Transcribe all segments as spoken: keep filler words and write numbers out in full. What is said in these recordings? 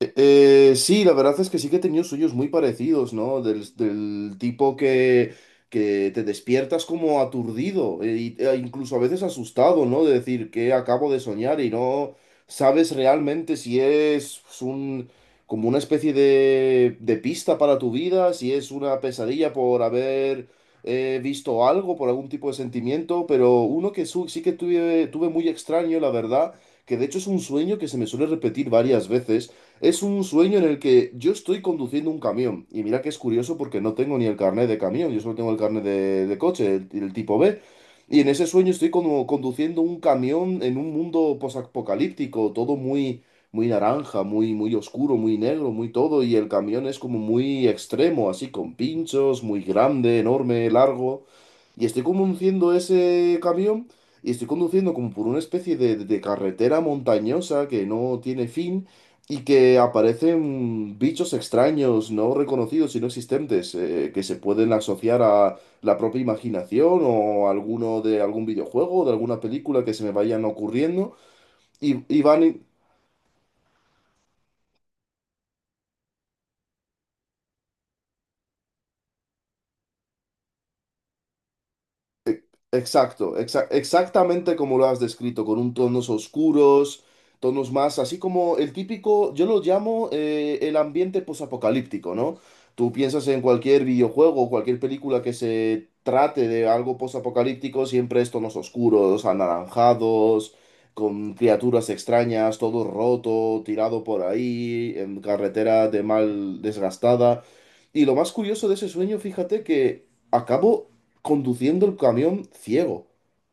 Eh, sí, la verdad es que sí que he tenido sueños muy parecidos, ¿no? Del, del tipo que, que te despiertas como aturdido e, e incluso a veces asustado, ¿no? De decir que acabo de soñar y no sabes realmente si es pues, un, como una especie de, de pista para tu vida, si es una pesadilla por haber eh, visto algo, por algún tipo de sentimiento, pero uno que su- sí que tuve, tuve muy extraño, la verdad, que de hecho es un sueño que se me suele repetir varias veces, es un sueño en el que yo estoy conduciendo un camión. Y mira que es curioso porque no tengo ni el carnet de camión, yo solo tengo el carnet de, de coche, el, el tipo B. Y en ese sueño estoy como conduciendo un camión en un mundo posapocalíptico, todo muy, muy naranja, muy, muy oscuro, muy negro, muy todo. Y el camión es como muy extremo, así con pinchos, muy grande, enorme, largo. Y estoy conduciendo ese camión y estoy conduciendo como por una especie de, de carretera montañosa que no tiene fin. Y que aparecen bichos extraños, no reconocidos y no existentes, eh, que se pueden asociar a la propia imaginación o alguno de algún videojuego o de alguna película que se me vayan ocurriendo y, y van. Exacto, exa- exactamente como lo has descrito, con un tonos oscuros, tonos más, así como el típico, yo lo llamo eh, el ambiente posapocalíptico, ¿no? Tú piensas en cualquier videojuego, o cualquier película que se trate de algo posapocalíptico, siempre es tonos oscuros, anaranjados, con criaturas extrañas, todo roto, tirado por ahí, en carretera de mal desgastada. Y lo más curioso de ese sueño, fíjate que acabo conduciendo el camión ciego.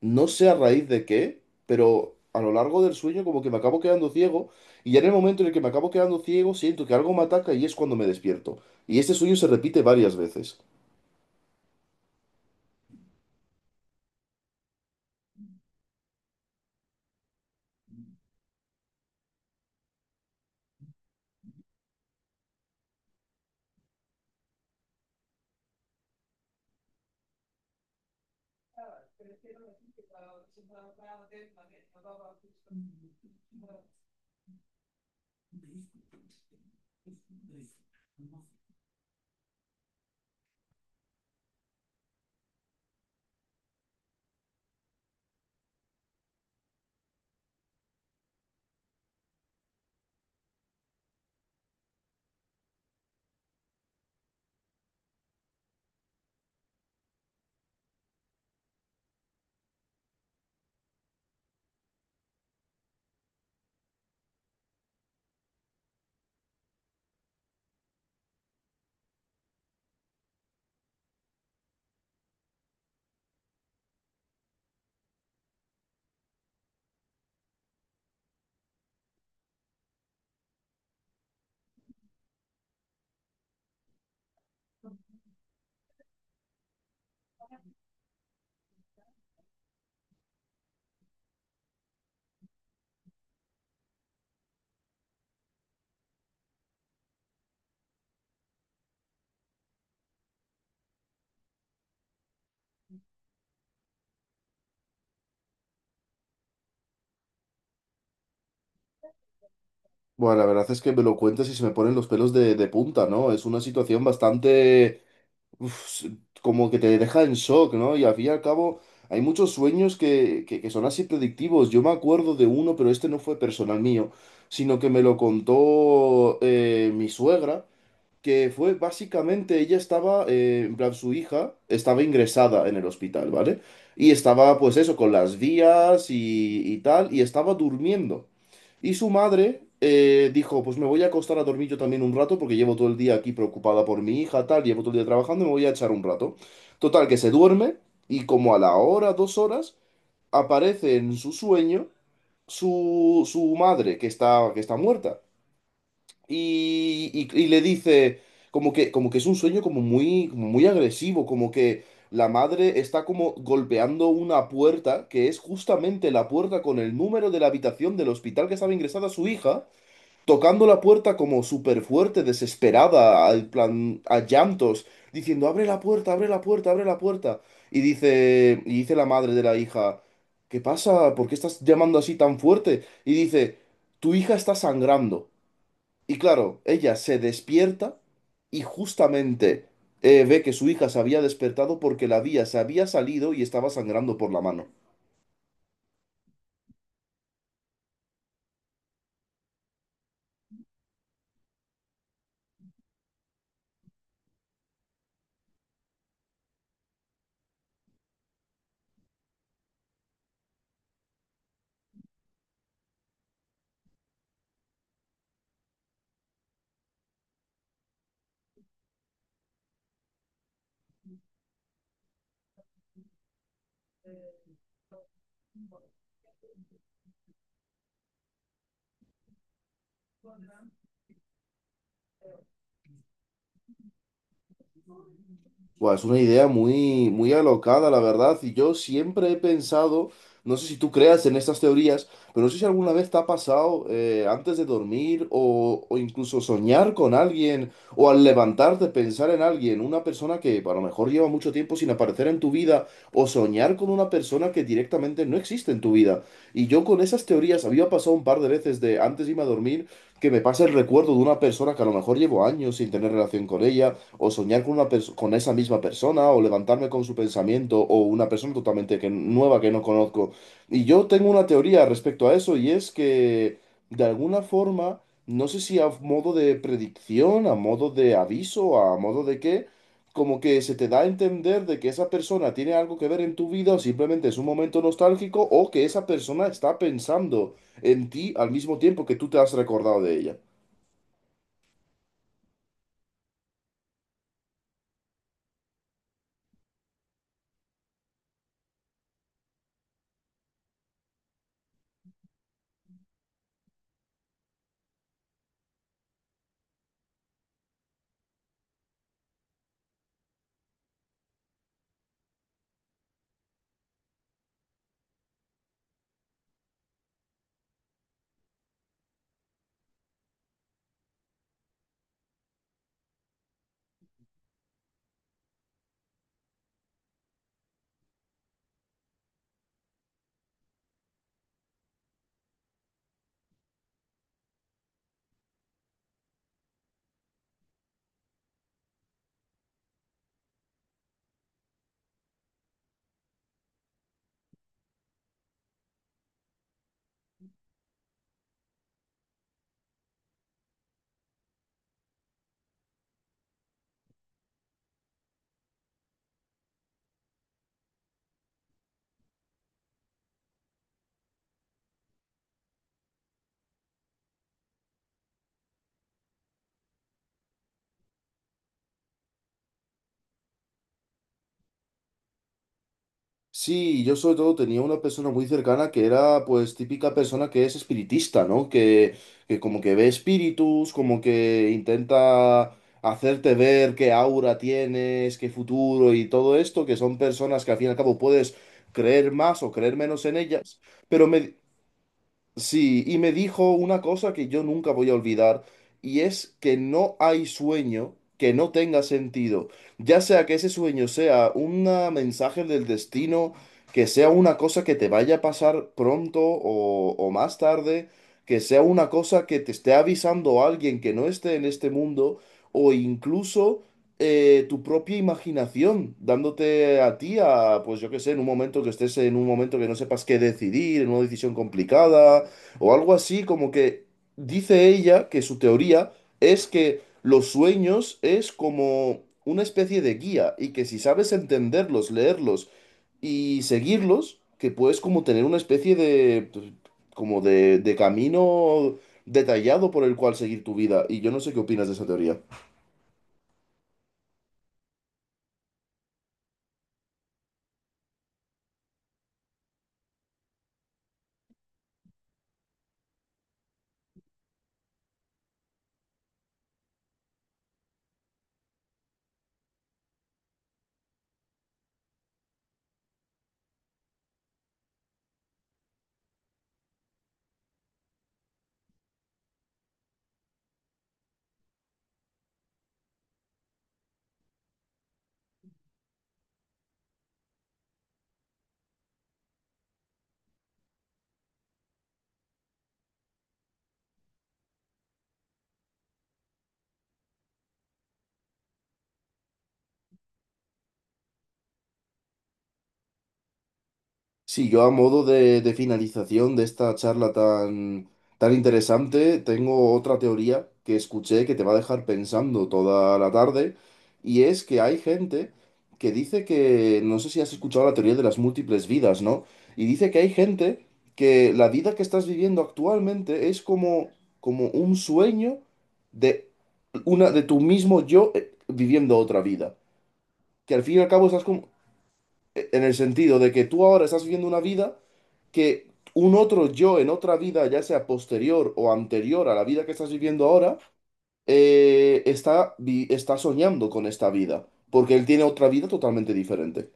No sé a raíz de qué, pero a lo largo del sueño como que me acabo quedando ciego y ya en el momento en el que me acabo quedando ciego siento que algo me ataca y es cuando me despierto. Y este sueño se repite varias veces. Bueno, la verdad es que me lo cuentas y se me ponen los pelos de, de punta, ¿no? Es una situación bastante, uf, como que te deja en shock, ¿no? Y al fin y al cabo, hay muchos sueños que, que, que son así predictivos. Yo me acuerdo de uno, pero este no fue personal mío, sino que me lo contó eh, mi suegra, que fue básicamente ella estaba, eh, en plan, su hija estaba ingresada en el hospital, ¿vale? Y estaba, pues eso, con las vías y, y tal, y estaba durmiendo. Y su madre eh, dijo, pues me voy a acostar a dormir yo también un rato, porque llevo todo el día aquí preocupada por mi hija, tal, llevo todo el día trabajando, me voy a echar un rato. Total, que se duerme, y como a la hora, dos horas, aparece en su sueño su, su madre, que está, que está muerta y, y- y le dice como que, como que es un sueño como muy, como muy agresivo, como que la madre está como golpeando una puerta, que es justamente la puerta con el número de la habitación del hospital que estaba ingresada su hija, tocando la puerta como súper fuerte, desesperada, al plan, a llantos, diciendo, abre la puerta, abre la puerta, abre la puerta. Y dice, y dice la madre de la hija, ¿qué pasa? ¿Por qué estás llamando así tan fuerte? Y dice, tu hija está sangrando. Y claro, ella se despierta y justamente eh, ve que su hija se había despertado porque la vía se había salido y estaba sangrando por la mano. Buah, es una idea muy, muy alocada, la verdad. Y yo siempre he pensado, no sé si tú creas en estas teorías, pero no sé si alguna vez te ha pasado eh, antes de dormir o, o incluso soñar con alguien o al levantarte pensar en alguien, una persona que a lo mejor lleva mucho tiempo sin aparecer en tu vida o soñar con una persona que directamente no existe en tu vida. Y yo con esas teorías había pasado un par de veces de antes de irme a dormir que me pasa el recuerdo de una persona que a lo mejor llevo años sin tener relación con ella o soñar con una perso- con esa misma persona, o levantarme con su pensamiento, o una persona totalmente que, nueva que no conozco. Y yo tengo una teoría respecto a eso, y es que de alguna forma, no sé si a modo de predicción, a modo de aviso, a modo de qué, como que se te da a entender de que esa persona tiene algo que ver en tu vida, o simplemente es un momento nostálgico, o que esa persona está pensando en ti al mismo tiempo que tú te has recordado de ella. Sí, yo sobre todo tenía una persona muy cercana que era pues típica persona que es espiritista, ¿no? Que, que como que ve espíritus, como que intenta hacerte ver qué aura tienes, qué futuro y todo esto, que son personas que al fin y al cabo puedes creer más o creer menos en ellas, pero me, sí, y me dijo una cosa que yo nunca voy a olvidar, y es que no hay sueño que no tenga sentido, ya sea que ese sueño sea un mensaje del destino, que sea una cosa que te vaya a pasar pronto o, o más tarde, que sea una cosa que te esté avisando alguien que no esté en este mundo, o incluso eh, tu propia imaginación, dándote a ti a, pues yo qué sé, en un momento que estés en un momento que no sepas qué decidir, en una decisión complicada o algo así, como que dice ella que su teoría es que los sueños es como una especie de guía y que si sabes entenderlos, leerlos y seguirlos, que puedes como tener una especie de como de, de camino detallado por el cual seguir tu vida. Y yo no sé qué opinas de esa teoría. Sí, yo a modo de, de finalización de esta charla tan, tan interesante, tengo otra teoría que escuché que te va a dejar pensando toda la tarde, y es que hay gente que dice que, no sé si has escuchado la teoría de las múltiples vidas, ¿no? Y dice que hay gente que la vida que estás viviendo actualmente es como, como un sueño de una, de tu mismo yo eh, viviendo otra vida. Que al fin y al cabo estás como, en el sentido de que tú ahora estás viviendo una vida que un otro yo en otra vida, ya sea posterior o anterior a la vida que estás viviendo ahora, eh, está, vi- está soñando con esta vida, porque él tiene otra vida totalmente diferente.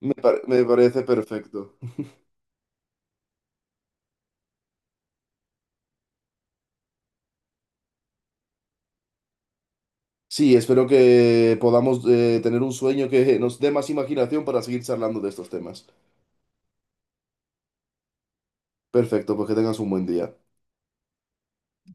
Me, par- me parece perfecto. Sí, espero que podamos eh, tener un sueño que nos dé más imaginación para seguir charlando de estos temas. Perfecto, pues que tengas un buen día.